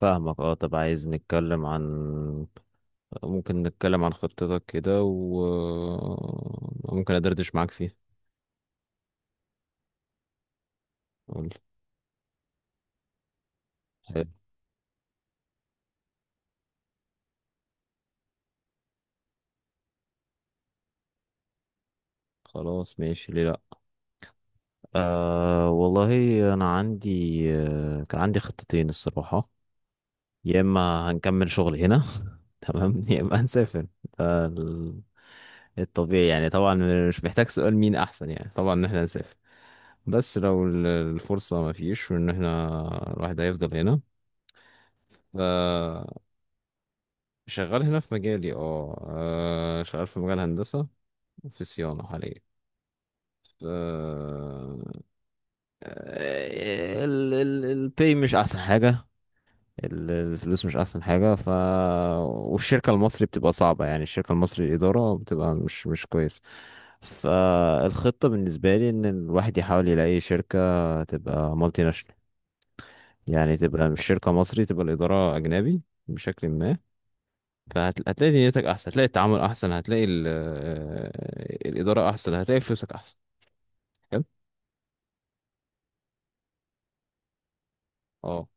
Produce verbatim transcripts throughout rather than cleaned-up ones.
فاهمك، اه، طب عايز نتكلم عن ممكن نتكلم عن خطتك كده، وممكن ادردش معاك فيها. قول. حلو. خلاص، ماشي، ليه لا. آه والله. انا عندي آه كان عندي خطتين الصراحة. يا اما هنكمل شغل هنا، تمام، يا اما هنسافر. ده ال- الطبيعي يعني طبعا. مش محتاج سؤال مين احسن، يعني طبعا ان احنا نسافر. بس لو ال- الفرصة ما فيش، وان احنا الواحد هيفضل هنا. آه، شغال هنا في مجالي، اه، آه، شغال في مجال هندسة، في صيانة حاليا. ف- آه، ال ال الباي مش أحسن حاجة، ال- الفلوس مش أحسن حاجة. ف والشركة المصري بتبقى صعبة، يعني الشركة المصري الإدارة بتبقى مش مش كويس. فالخطة بالنسبة لي إن الواحد يحاول يلاقي شركة تبقى مالتي ناشونال، يعني تبقى مش شركة مصري، تبقى الإدارة أجنبي بشكل ما. فهتلاقي دنيتك احسن، هتلاقي التعامل احسن، هتلاقي ال- آه، الاداره احسن، هتلاقي فلوسك احسن. حلو. اه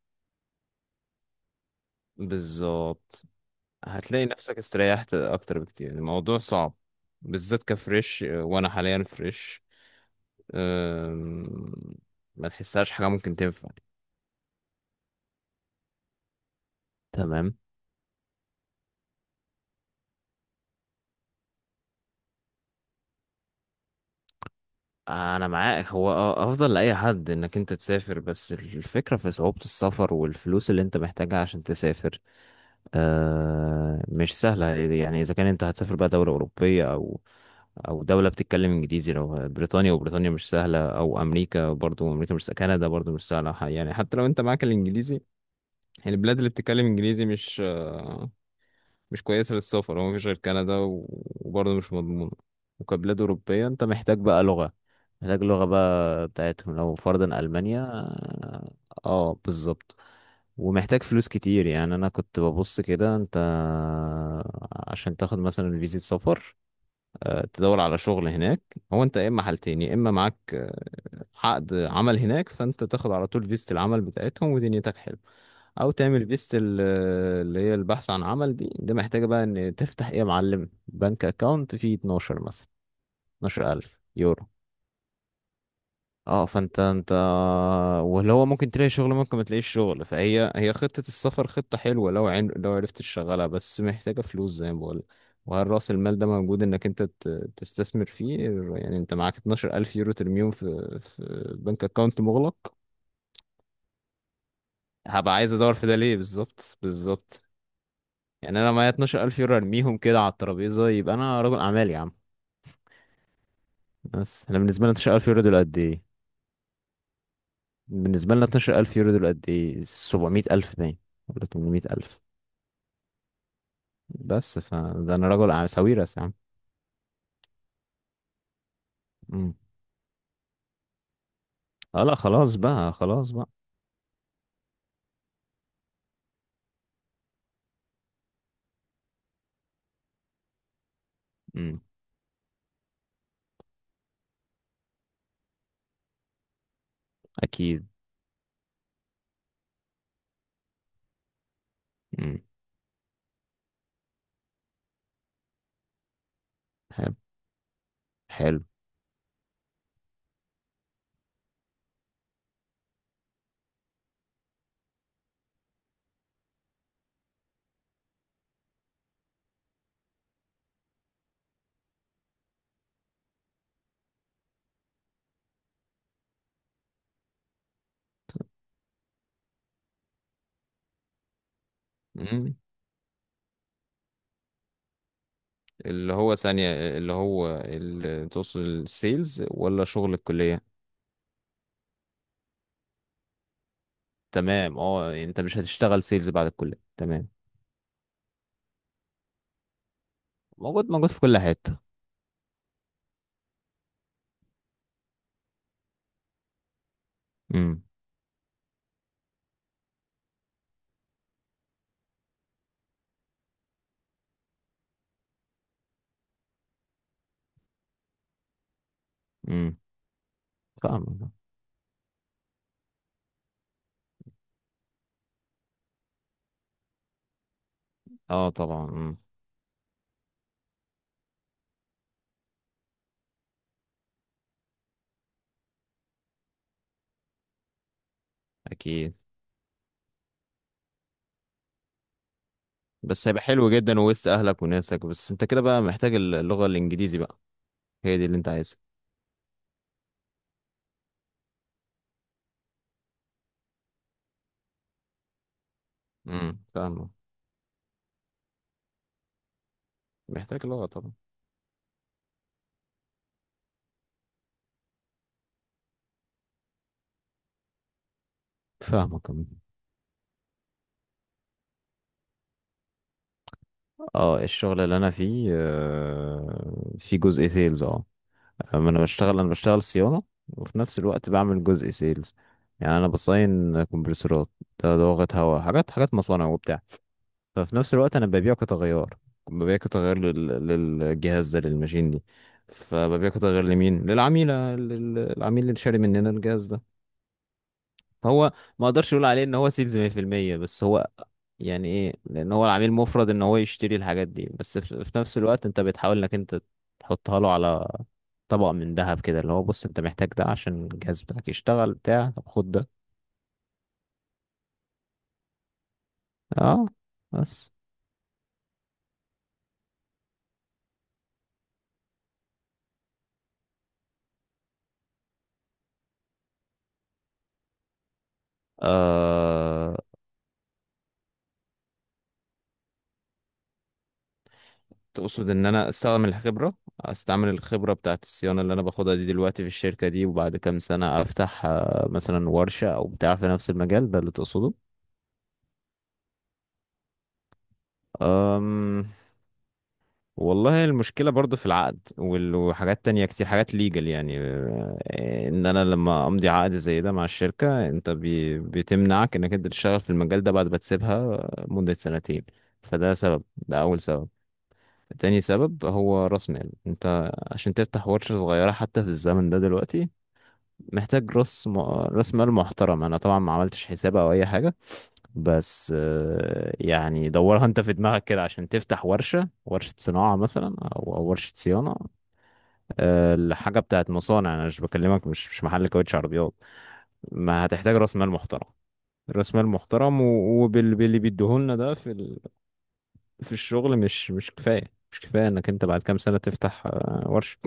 بالظبط. هتلاقي نفسك استريحت اكتر بكتير. الموضوع صعب، بالذات كفريش، آه، وانا حاليا فريش. أم، ما تحسهاش حاجه ممكن تنفع. تمام. انا معاك، هو اه افضل لاي حد انك انت تسافر، بس الفكره في صعوبه السفر والفلوس اللي انت محتاجها عشان تسافر. آه مش سهلة، يعني إذا كان أنت هتسافر بقى دولة أوروبية، أو أو دولة بتتكلم إنجليزي. لو بريطانيا، وبريطانيا مش سهلة، أو أمريكا، برضو أمريكا مش سهلة، كندا برضو مش سهلة. ح- يعني حتى لو أنت معاك الإنجليزي، يعني البلاد اللي بتتكلم إنجليزي مش آه، مش كويسة للسفر. هو مفيش غير كندا و- وبرضه مش مضمونة. وكبلاد أوروبية أنت محتاج بقى لغة، محتاج لغة بقى بتاعتهم. لو فرضا ألمانيا، اه. آه، بالظبط. ومحتاج فلوس كتير. يعني أنا كنت ببص كده، أنت عشان تاخد مثلا فيزة سفر، آه، تدور على شغل هناك، هو أنت يا إما حالتين: يا إما معاك عقد عمل هناك، فانت تاخد على طول فيزة العمل بتاعتهم ودنيتك حلوة، او تعمل فيزة ال- اللي هي البحث عن عمل دي، ده محتاجة بقى ان تفتح ايه يا معلم، بنك اكاونت فيه اثنا عشر مثلا، اثنا عشر ألف يورو. اه فانت انت، واللي هو ممكن تلاقي شغل، ممكن ما تلاقيش شغل. فهي هي خطة السفر، خطة حلوة لو عن... لو عرفت تشغلها، بس محتاجة فلوس زي ما بقول. وهل رأس المال ده موجود انك انت ت- تستثمر فيه؟ يعني انت معاك اتناشر الف يورو ترميهم في في بنك اكاونت مغلق؟ هبقى عايز ادور في ده ليه؟ بالظبط، بالظبط. يعني انا معايا اتناشر الف يورو ارميهم كده على الترابيزه، يبقى انا رجل اعمال يا عم. بس انا بالنسبه لي اتناشر الف يورو دول قد ايه؟ بالنسبه لنا اثنا عشر ألف يورو دول قد ايه؟ سبعمية الف باين، ولا ثمانمئة ألف. بس فده انا رجل أعمال- ساويرس يا عم. امم. اه لا، خلاص بقى، خلاص بقى. امم. اكيد. امم. حلو. حلو. امم. اللي هو ثانية، اللي هو اللي توصل، السيلز ولا شغل الكلية؟ تمام، اه. يعني انت مش هتشتغل سيلز بعد الكلية؟ تمام. موجود، موجود في كل حتة. امم. امم. مم. فاهم. اه طبعا. امم. اكيد. بس هيبقى حلو جدا وسط اهلك وناسك. بس انت كده بقى محتاج اللغة الانجليزي بقى. هي دي اللي انت عايزها. امم، فاهمك. محتاج لغة طبعا. فاهمك، أمم. اه، الشغل اللي انا فيه آه في جزء سيلز، اه. أما انا بشتغل، انا بشتغل صيانة، وفي نفس الوقت بعمل جزء سيلز. يعني انا بصين كمبرسورات، ده ضغط هواء، حاجات حاجات مصانع وبتاع. ففي نفس الوقت انا ببيعه كتغير، ببيعه كتغير لل... للجهاز ده، للماشين دي. فببيعه كتغير لمين؟ للعميل، لل... العميل اللي شاري مننا الجهاز ده. هو ما اقدرش اقول عليه ان هو سيلز مية في المية، بس هو يعني ايه، لان هو العميل مفرض ان هو يشتري الحاجات دي، بس في في نفس الوقت انت بتحاول انك انت تحطها له على طبق من ذهب كده، اللي هو بص، انت محتاج ده عشان الجهاز بتاعك يشتغل بتاع. طب خد ده. اه بس. آه تقصد ان انا استخدم الخبرة، استعمل الخبرة بتاعت الصيانة اللي انا باخدها دي دلوقتي في الشركة دي، وبعد كام سنة افتح آه، مثلا ورشة او بتاع في نفس المجال ده، اللي تقصده. أم والله المشكلة برضو في العقد، وال- وحاجات تانية كتير، حاجات ليجل يعني، آه، ان انا لما امضي عقد زي ده مع الشركة، انت بي بتمنعك انك انت تشتغل في المجال ده بعد ما تسيبها آه، مدة سنتين. فده سبب، ده اول سبب. تاني سبب هو راس مال. انت عشان تفتح ورشة صغيرة حتى في الزمن ده دلوقتي، محتاج راس م... راس مال محترم. انا طبعا ما عملتش حساب او اي حاجة، بس آه، يعني دورها انت في دماغك كده، عشان تفتح ورشة ورشة صناعة مثلا، او أو ورشة صيانة. آه، الحاجة بتاعت مصانع انا مش بكلمك، مش مش محل كاوتش عربيات. ما هتحتاج راس مال محترم، راس مال محترم. وباللي بيديهولنا ده في ال... في الشغل مش مش كفاية. مش كفاية انك انت بعد كام سنة تفتح آه، ورشة.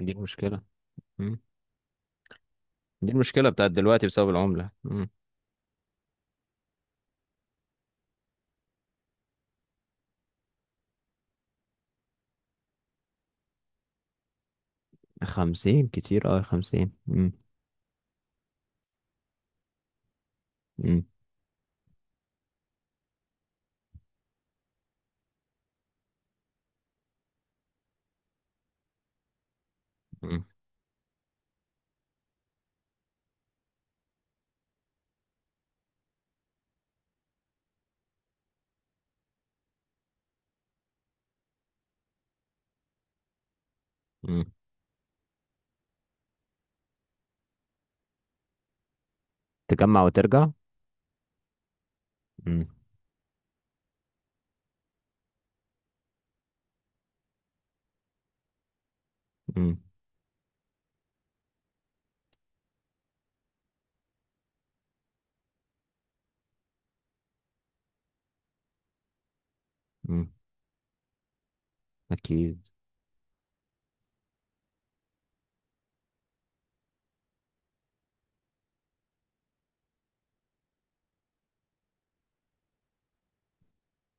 دي المشكلة. مم. دي المشكلة بتاعت دلوقتي بسبب العملة. مم. خمسين كتير، اه خمسين. مم. مم. مم. مم. تجمع وترجع. مم. مم. مم. أكيد.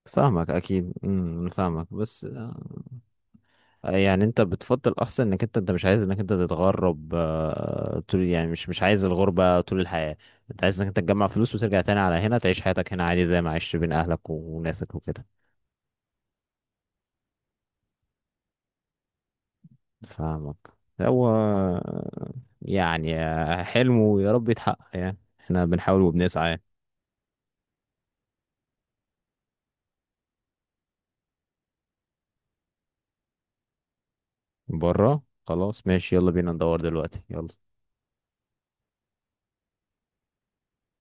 فاهمك أكيد. مم. فاهمك بس. آه، يعني أنت بتفضل أحسن إنك أنت، أنت مش عايز إنك أنت تتغرب آه، طول، يعني مش مش عايز الغربة طول الحياة. أنت عايز إنك أنت تجمع فلوس وترجع تاني على هنا، تعيش حياتك هنا عادي زي ما عشت بين أهلك وناسك وكده. فاهمك. هو يعني حلمه، يا رب يتحقق. يعني احنا بنحاول وبنسعى يعني. بره، خلاص ماشي، يلا بينا ندور دلوقتي، يلا.